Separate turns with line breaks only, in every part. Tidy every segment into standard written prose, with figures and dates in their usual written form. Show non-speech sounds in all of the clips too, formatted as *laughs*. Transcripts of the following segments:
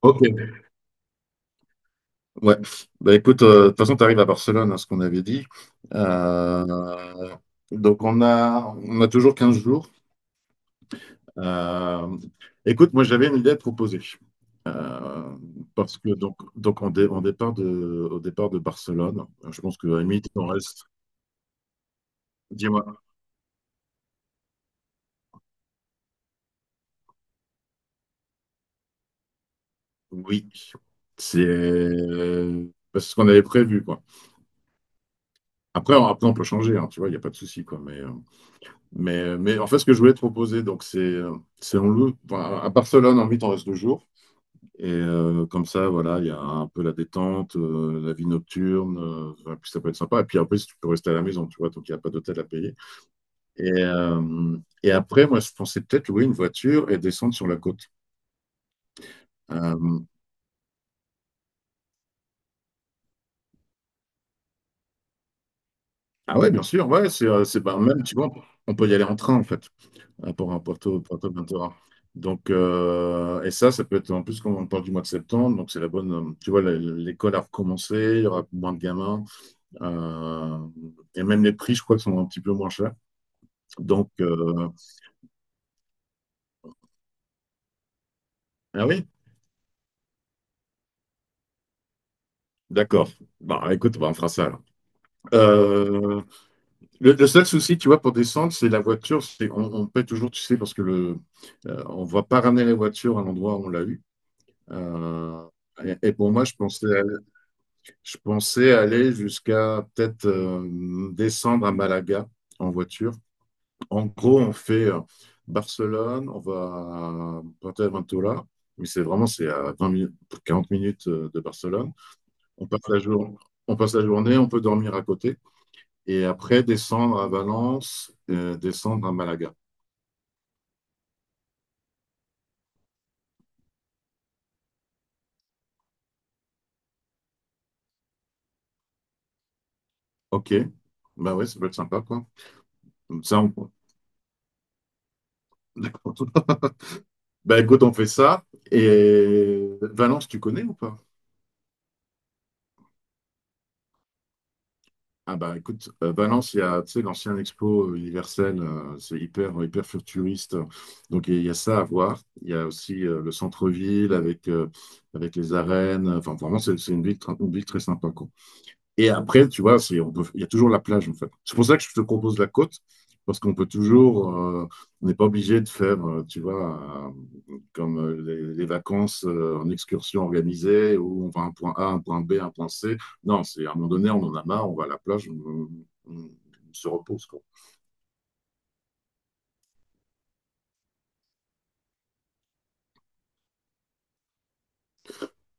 Ok, ouais. Bah écoute, de toute façon, tu arrives à Barcelone, hein, ce qu'on avait dit. Euh, donc on a toujours 15 jours. Euh, Écoute, moi j'avais une idée à te proposer. Euh, Parce que donc on, dé- on départ de, au départ de Barcelone. Je pense que à la limite, on reste. Dis-moi. Oui. C'est c'est ce qu'on avait prévu, quoi. Après, on peut changer, hein, tu vois, il n'y a pas de souci, quoi. Mais, en fait, ce que je voulais te proposer, donc c'est on loue enfin, à Barcelone en vite, on reste 2 jours. Comme ça, voilà, il y a un peu la détente, la vie nocturne, enfin, puis ça peut être sympa. Et puis après, si tu peux rester à la maison, tu vois, donc il n'y a pas d'hôtel à payer. Et après, moi, je pensais peut-être louer une voiture et descendre sur la côte. Euh, ah ouais, bien sûr, ouais, c'est pas même, tu vois, on peut y aller en train en fait. Pour un Porto Ventura. Et ça peut être en plus quand on parle du mois de septembre, donc c'est la bonne. Tu vois, l'école a recommencé, il y aura moins de gamins, euh, et même les prix, je crois, sont un petit peu moins chers. Donc, euh, ah oui, d'accord. Bon, écoute, bah, on fera ça alors. Euh, le seul souci, tu vois, pour descendre, c'est la voiture. On paie toujours, tu sais, parce que on ne va pas ramener la voiture à l'endroit où on l'a eu. Euh, et pour moi, je pensais aller jusqu'à peut-être descendre à Malaga en voiture. En gros, on fait Barcelone, on va à Fuerteventura, mais c'est vraiment, c'est à 20 minutes, 40 minutes, de Barcelone. On passe la jour- on passe la journée, on peut dormir à côté et après descendre à Valence, descendre à Malaga. Ok, bah ouais, ça peut être sympa, quoi. Comme ça, on... *laughs* Bah écoute, on fait ça. Et Valence, tu connais ou pas? Ah bah écoute, Valence, il y a, tu sais, l'ancien Expo universel, c'est hyper, hyper futuriste. Donc il y a ça à voir. Il y a aussi le centre-ville avec les arènes. Enfin, vraiment, c'est une une ville très sympa, quoi. Et après, tu vois, il y a toujours la plage, en fait. C'est pour ça que je te propose la côte, parce qu'on peut toujours, on n'est pas obligé de faire, tu vois, comme les vacances en excursion organisée, où on va à un point A, un point B, un point C. Non, c'est à un moment donné, on en a marre, on va à la plage, on se repose, quoi.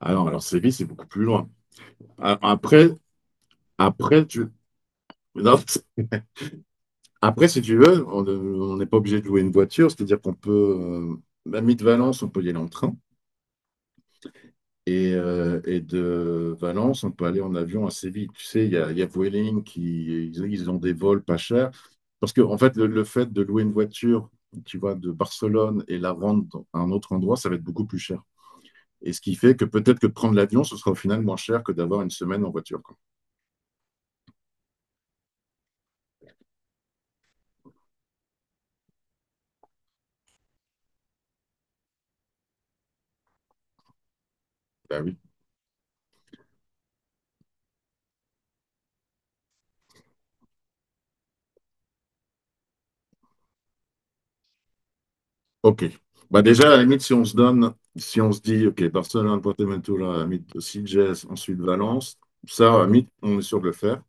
Ah non, alors Séville, c'est beaucoup plus loin. A- Après, après, tu... non, après, si tu veux, on n'est pas obligé de louer une voiture, c'est-à-dire qu'on peut, même de Valence, on peut y aller en train. Et de Valence, on peut aller en avion assez vite. Tu sais, il y a Vueling ils ont des vols pas chers. Parce que, en fait, le fait de louer une voiture, tu vois, de Barcelone et la rendre dans un autre endroit, ça va être beaucoup plus cher. Et ce qui fait que peut-être que de prendre l'avion, ce sera au final moins cher que d'avoir une semaine en voiture, quoi. Bah oui. OK. Bah déjà, à la limite, si on se dit, OK, Barcelone, Porto-Ventura, à la limite, Sitges, ensuite Valence, ça, à la limite, on est sûr de le faire.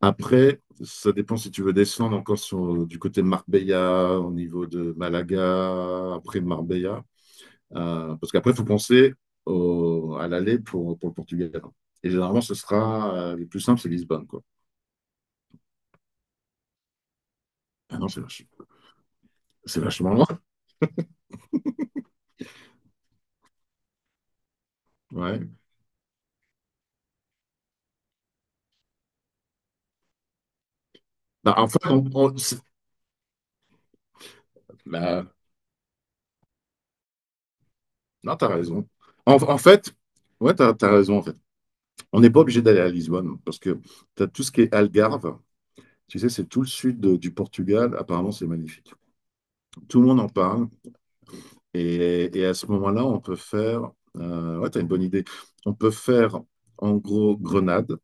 Après, ça dépend si tu veux descendre encore sur, du côté de Marbella, au niveau de Malaga, après Marbella. Parce qu'après, il faut penser à l'aller pour le Portugal. Et généralement, le plus simple, c'est Lisbonne, quoi. Ah non, c'est vachement loin. Ouais. Bah, en fait, bah, Non, t'as raison. En fait, ouais, t'as raison, en fait. On n'est pas obligé d'aller à Lisbonne parce que t'as tout ce qui est Algarve. Tu sais, c'est tout le sud du Portugal. Apparemment, c'est magnifique. Tout le monde en parle. Et à ce moment-là, on peut faire. Ouais, t'as une bonne idée. On peut faire, en gros, Grenade.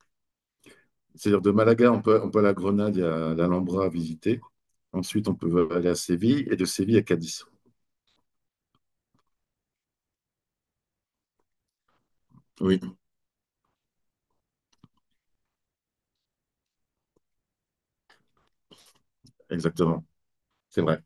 C'est-à-dire de Malaga, on peut aller à Grenade, il y a l'Alhambra à visiter. Ensuite, on peut aller à Séville et de Séville à Cadiz. Oui, exactement. C'est vrai.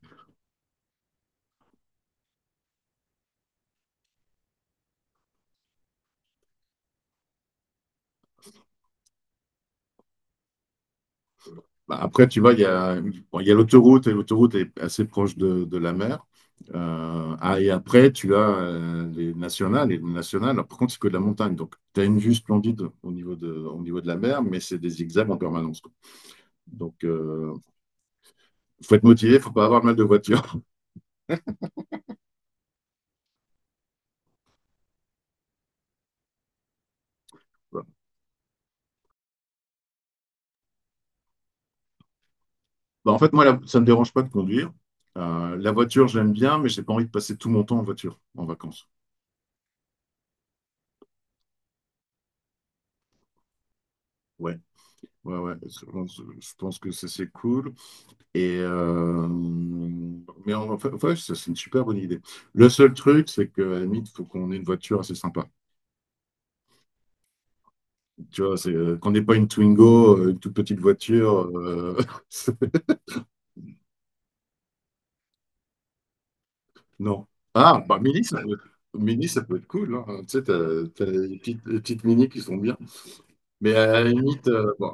Bah, après, tu vois, il y a l'autoroute et l'autoroute est assez proche de la mer. Et après, tu as les nationales. Et les nationales, alors, par contre, c'est que de la montagne. Donc, tu as une vue splendide au niveau de la mer, mais c'est des zigzags en permanence, quoi. Donc, il faut être motivé, faut pas avoir mal de voiture. *laughs* Voilà. Bah, en fait, moi, ça me dérange pas de conduire. La voiture, j'aime bien, mais j'ai pas envie de passer tout mon temps en voiture, en vacances. Ouais, ouais, ouais. Je pense que ça, c'est cool. Et euh, mais en fait, ouais, c'est une super bonne idée. Le seul truc, c'est qu'à la limite, il faut qu'on ait une voiture assez sympa. Tu vois, c'est qu'on n'ait pas une Twingo, une toute petite voiture. *laughs* C'est- non. Ah, bah Mini, ça peut être cool, hein. Tu sais, t'as les petites Mini qui sont bien. Mais à la limite, bon,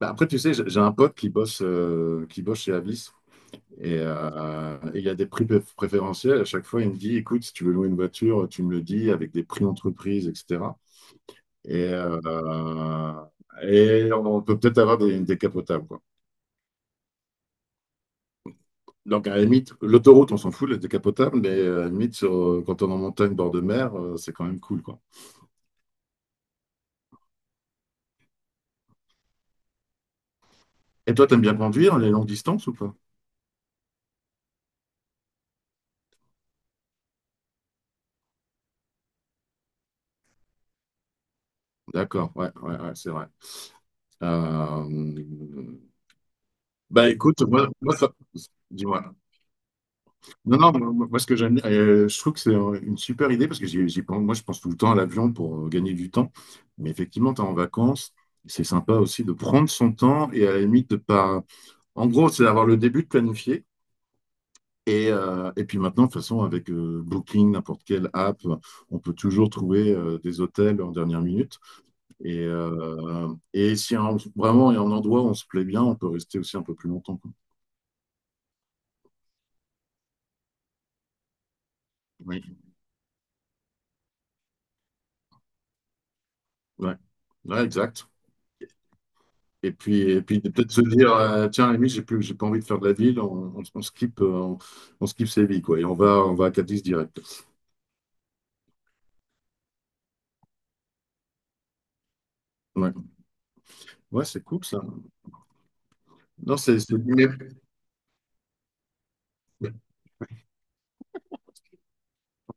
bah, après, tu sais, j'ai un pote qui bosse chez Avis. Et il y a des prix préférentiels. À chaque fois, il me dit, écoute, si tu veux louer une voiture, tu me le dis avec des prix entreprises, etc. Et, euh, et on peut peut-être avoir des capotables, quoi. Donc, à la limite, l'autoroute, on s'en fout, les décapotables, mais à la limite, quand on est en montagne, bord de mer, c'est quand même cool, quoi. Et toi, t'aimes bien conduire les longues distances ou pas? D'accord, ouais, ouais, ouais, c'est vrai. Euh, Bah écoute, moi ça... Dis-moi. Non, non, ce que j'aime, je trouve que c'est une super idée parce que moi, je pense tout le temps à l'avion pour gagner du temps. Mais effectivement, tu es en vacances, c'est sympa aussi de prendre son temps et à la limite de pas. En gros, c'est d'avoir le début de planifier. Et puis maintenant, de toute façon, avec Booking, n'importe quelle app, on peut toujours trouver des hôtels en dernière minute. Et si un- vraiment il y a un endroit où on se plaît bien, on peut rester aussi un peu plus longtemps, quoi. Oui, ouais. Ouais, exact. Et puis de peut-être se dire, tiens, à la limite, j'ai pas envie de faire de la ville, on skip Séville, quoi, et on va à Cadiz direct. Ouais, ouais, c'est cool, ça. Non, *laughs*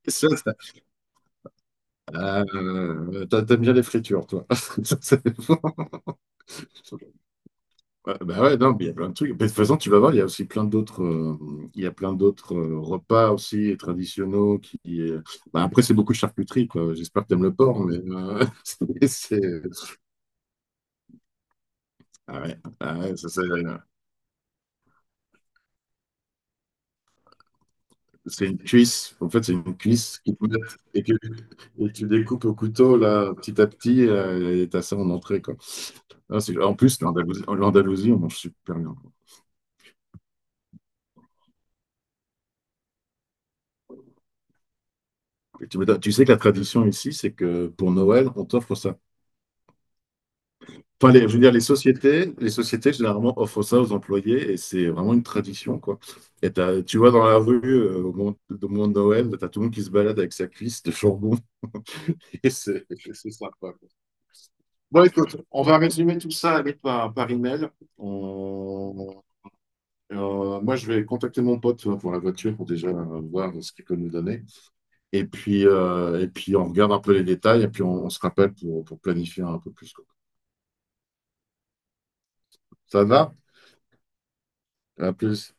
ça, ça- t'aimes bien les fritures, toi. *laughs* Ça, c'est bon. Ouais, bah ouais, non, mais il y a plein de trucs. Mais de toute façon, tu vas voir, il y a plein d'autres repas aussi traditionnels qui. Bah, après, c'est beaucoup de charcuterie, quoi. J'espère que t'aimes le porc, mais *laughs* Ah ouais, ah ouais, ça, c'est. C'est une cuisse. En fait, c'est une cuisse qu'ils te mettent et et tu découpes au couteau là, petit à petit, et t'as ça en entrée, quoi. Ah, en plus, l'Andalousie, on mange super bien. Tu sais que la tradition ici, c'est que pour Noël, on t'offre ça. Enfin, je veux dire, les sociétés généralement offrent ça aux employés et c'est vraiment une tradition, quoi. Tu vois dans la rue, au moment de Noël, t'as tout le monde qui se balade avec sa cuisse de chambon. *laughs* Et c'est sympa, quoi. Bon, écoute, on va résumer tout ça par email. On- Moi, je vais contacter mon pote pour la voiture pour déjà voir ce qu'il peut nous donner. Et puis, on regarde un peu les détails et puis on se rappelle pour planifier un peu plus, quoi. Ça va? À plus.